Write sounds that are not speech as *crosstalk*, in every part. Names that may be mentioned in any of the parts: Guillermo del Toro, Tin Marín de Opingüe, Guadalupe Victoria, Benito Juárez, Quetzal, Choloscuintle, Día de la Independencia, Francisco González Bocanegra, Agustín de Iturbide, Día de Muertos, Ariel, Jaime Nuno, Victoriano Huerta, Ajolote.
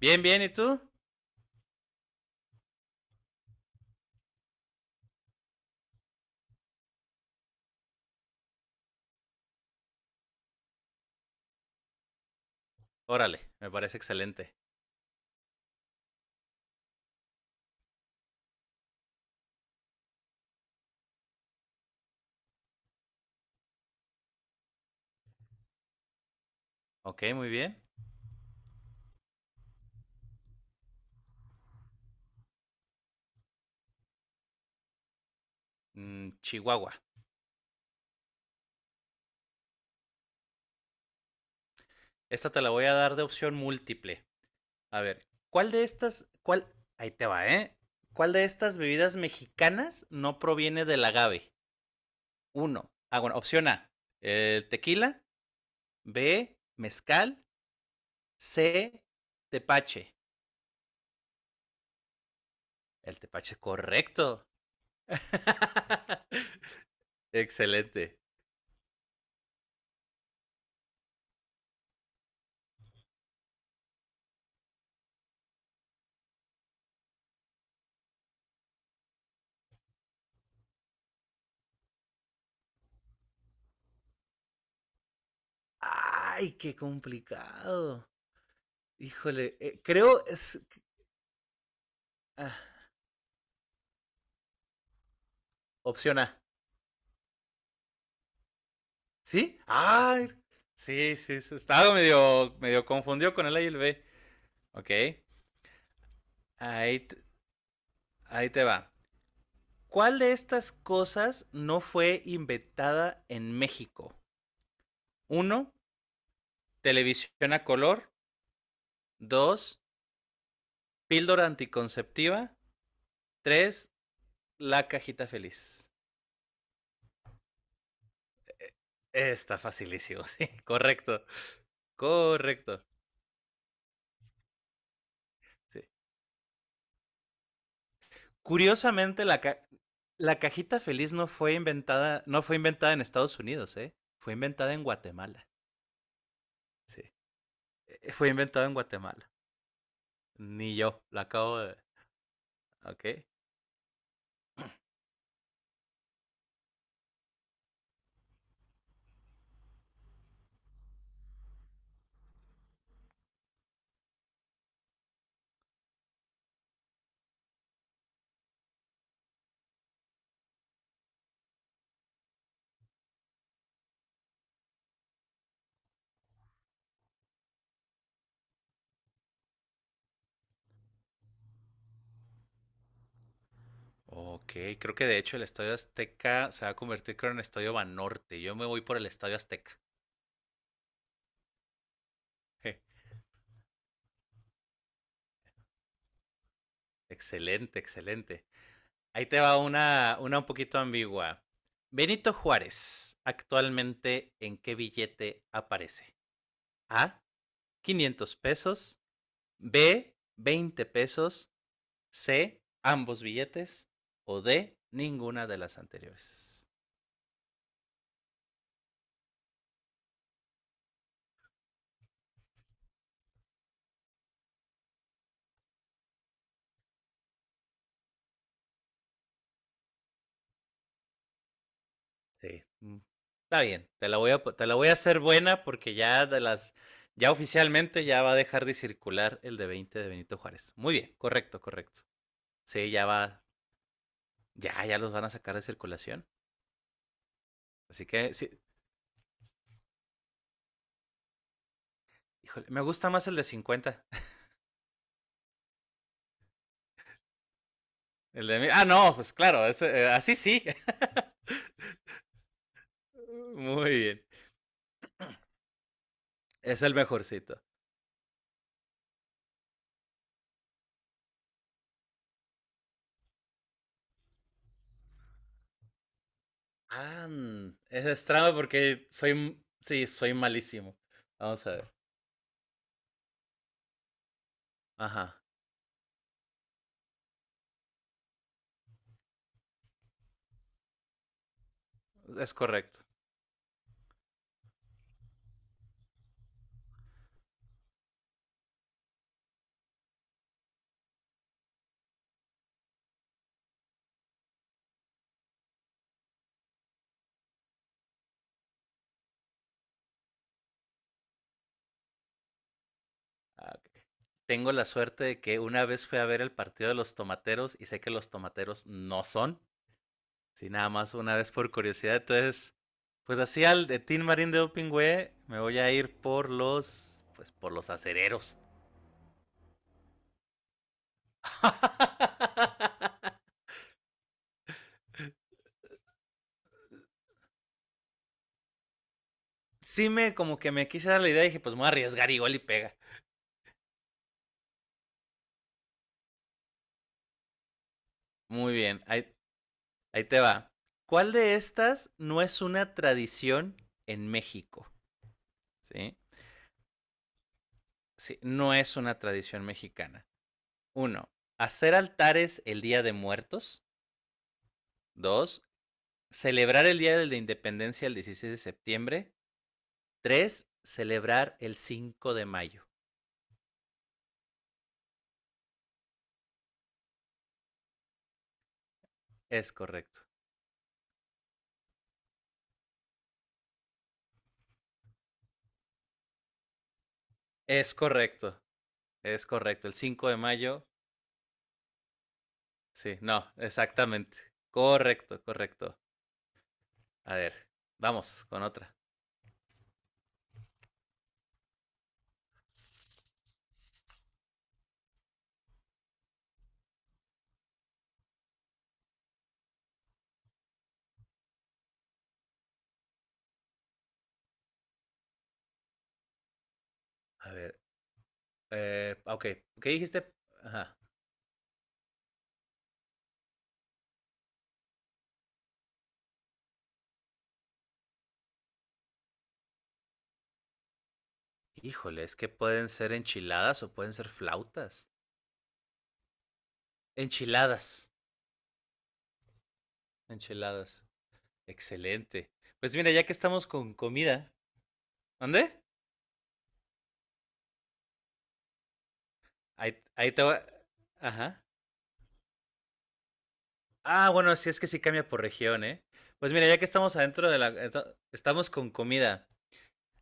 Bien, bien, ¿y tú? Órale, me parece excelente. Ok, muy bien. Chihuahua. Esta te la voy a dar de opción múltiple. A ver, ¿cuál de estas, cuál, ahí te va, ¿eh? ¿Cuál de estas bebidas mexicanas no proviene del agave? Uno, opción A, el tequila. B, mezcal. C, tepache. El tepache correcto. *laughs* Excelente. Ay, qué complicado. Híjole, Ah, opción A. ¿Sí? Ah, sí, sí, sí, estaba medio confundido con el A y el B. Ok, ahí, t- ahí te va. ¿Cuál de estas cosas no fue inventada en México? Uno, televisión a color. Dos, píldora anticonceptiva. Tres, la cajita feliz. Está facilísimo, *laughs* sí, correcto, correcto. Sí. Curiosamente, la cajita feliz no fue inventada en Estados Unidos, ¿eh? Fue inventada en Guatemala. Sí. Fue inventada en Guatemala. Ni yo, la acabo de. Ok. Ok, creo que de hecho el Estadio Azteca se va a convertir, creo, en el Estadio Banorte. Yo me voy por el Estadio Azteca. Je, excelente, excelente. Ahí te va una un poquito ambigua. Benito Juárez, actualmente, ¿en qué billete aparece? A, 500 pesos, B, 20 pesos. C, ambos billetes. O D, ninguna de las anteriores. Sí. Está bien. Te la voy a hacer buena porque ya de las. Ya oficialmente ya va a dejar de circular el de 20 de Benito Juárez. Muy bien, correcto, correcto. Sí, ya va. Ya, ya los van a sacar de circulación. Así que, sí. Híjole, me gusta más el de cincuenta. *laughs* El de. Ah, no, pues claro, ese, así sí. *laughs* Muy bien. Es el mejorcito. Ah, eso es trampa porque sí, soy malísimo. Vamos a ver. Ajá, es correcto. Ah, ok. Tengo la suerte de que una vez fui a ver el partido de los tomateros y sé que los tomateros no son. Sí, nada más una vez por curiosidad. Entonces, pues así al de Tin Marín de Opingüe me voy a ir por los, pues por los acereros. *laughs* Sí me, como que me quise dar la idea y dije, pues me voy a arriesgar igual y pega. Muy bien, ahí te va. ¿Cuál de estas no es una tradición en México? ¿Sí? Sí, no es una tradición mexicana. Uno, hacer altares el Día de Muertos. Dos, celebrar el Día de la Independencia el 16 de septiembre. Tres, celebrar el 5 de mayo. Es correcto. Es correcto. Es correcto. El 5 de mayo. Sí, no, exactamente. Correcto, correcto. A ver, vamos con otra. A ver, Eh, ok, ¿qué dijiste? Ajá. Híjole, es que pueden ser enchiladas o pueden ser flautas. Enchiladas, enchiladas. Excelente. Pues mira, ya que estamos con comida, ¿dónde? Ahí, ahí te va. Ajá. Ah, bueno, sí es que sí cambia por región, ¿eh? Pues mira, ya que estamos adentro de la... Estamos con comida.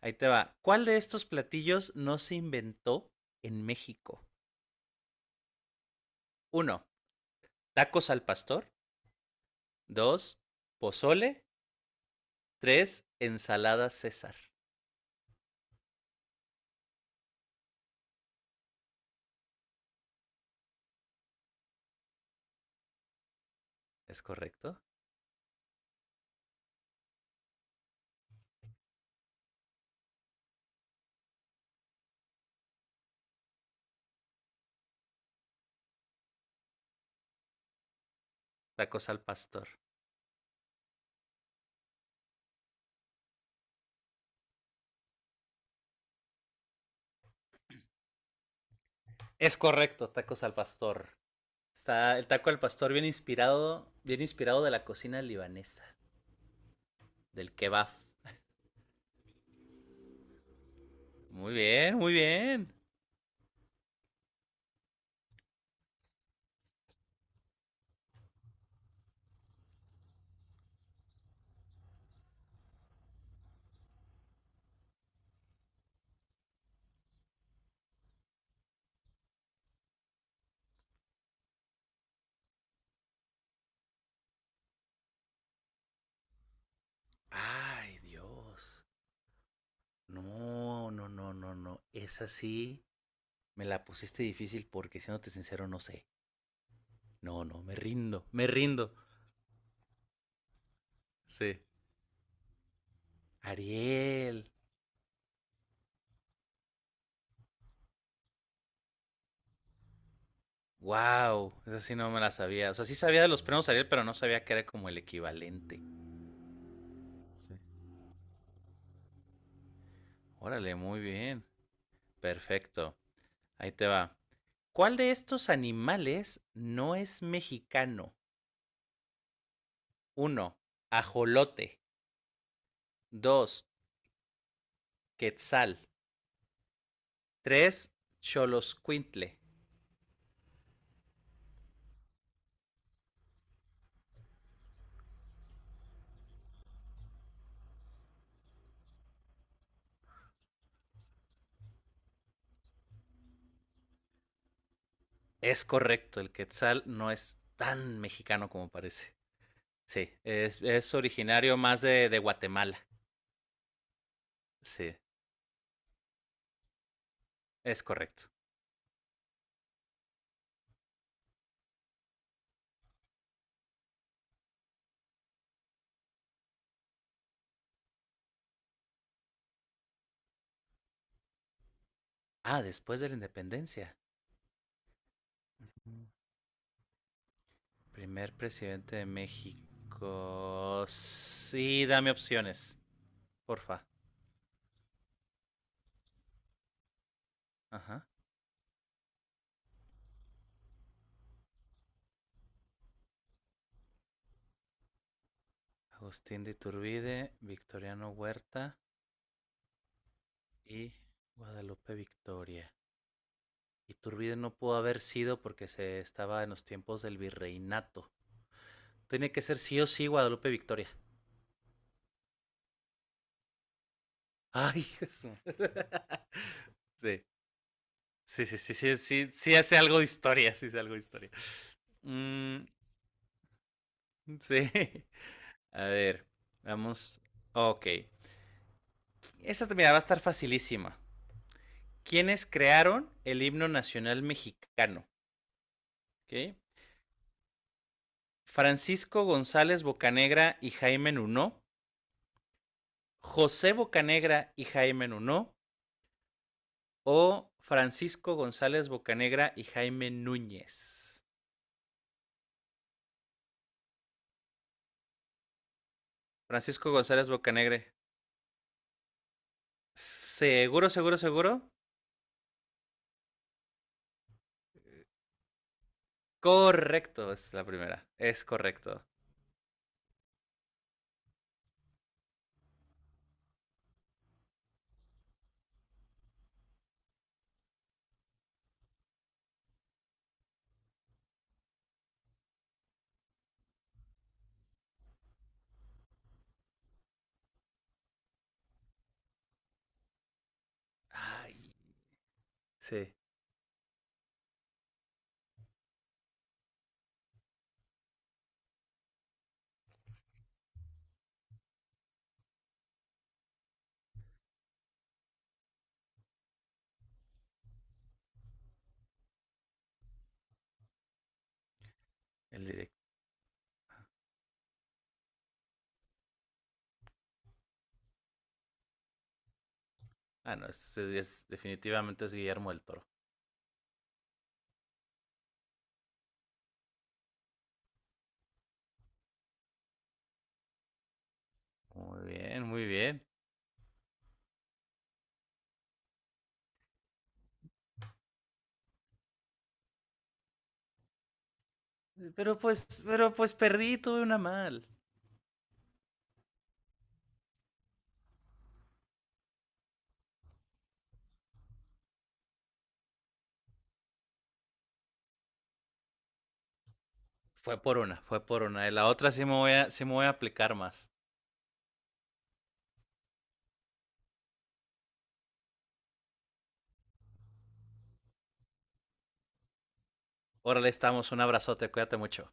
Ahí te va. ¿Cuál de estos platillos no se inventó en México? Uno, tacos al pastor. Dos, pozole. Tres, ensalada César. ¿Es correcto? Tacos al pastor. Es correcto, tacos al pastor. Está el taco al pastor bien inspirado de la cocina libanesa, del kebab. Muy bien, muy bien. Ay, Dios. No, no, no, no, no. Esa sí me la pusiste difícil porque siéndote sincero no sé. No, no, me rindo, me rindo. Sí. Ariel. Wow, esa sí no me la sabía. O sea, sí sabía de los premios Ariel, pero no sabía que era como el equivalente. Sí. Órale, muy bien. Perfecto. Ahí te va. ¿Cuál de estos animales no es mexicano? Uno, ajolote. 2, quetzal. Tres. Choloscuintle. Es correcto, el quetzal no es tan mexicano como parece. Sí, es originario más de Guatemala. Sí, es correcto. Ah, después de la independencia. Mm. Primer presidente de México. Sí, dame opciones, porfa. Ajá. Agustín de Iturbide, Victoriano Huerta y Guadalupe Victoria. Iturbide no pudo haber sido porque se estaba en los tiempos del virreinato. Tiene que ser sí o sí Guadalupe Victoria. Ay, Jesús. Sí, *laughs* sí, sí, sí, sí, sí, sí hace algo de historia, sí hace algo de historia. Mm, sí. *laughs* A ver, vamos. Ok. Esta mira, va a estar facilísima. ¿Quiénes crearon el himno nacional mexicano? ¿Ok? Francisco González Bocanegra y Jaime Nuno, José Bocanegra y Jaime Nuno o Francisco González Bocanegra y Jaime Núñez. Francisco González Bocanegra. Seguro, seguro, seguro. Correcto, es la primera. Es correcto. Ay, sí, el directo. Ah, no, definitivamente es Guillermo del Toro. Muy bien, muy bien. Pero pues perdí, tuve una mal. Fue por una, fue por una. Y la otra sí sí me voy a aplicar más. Órale, estamos. Un abrazote, cuídate mucho.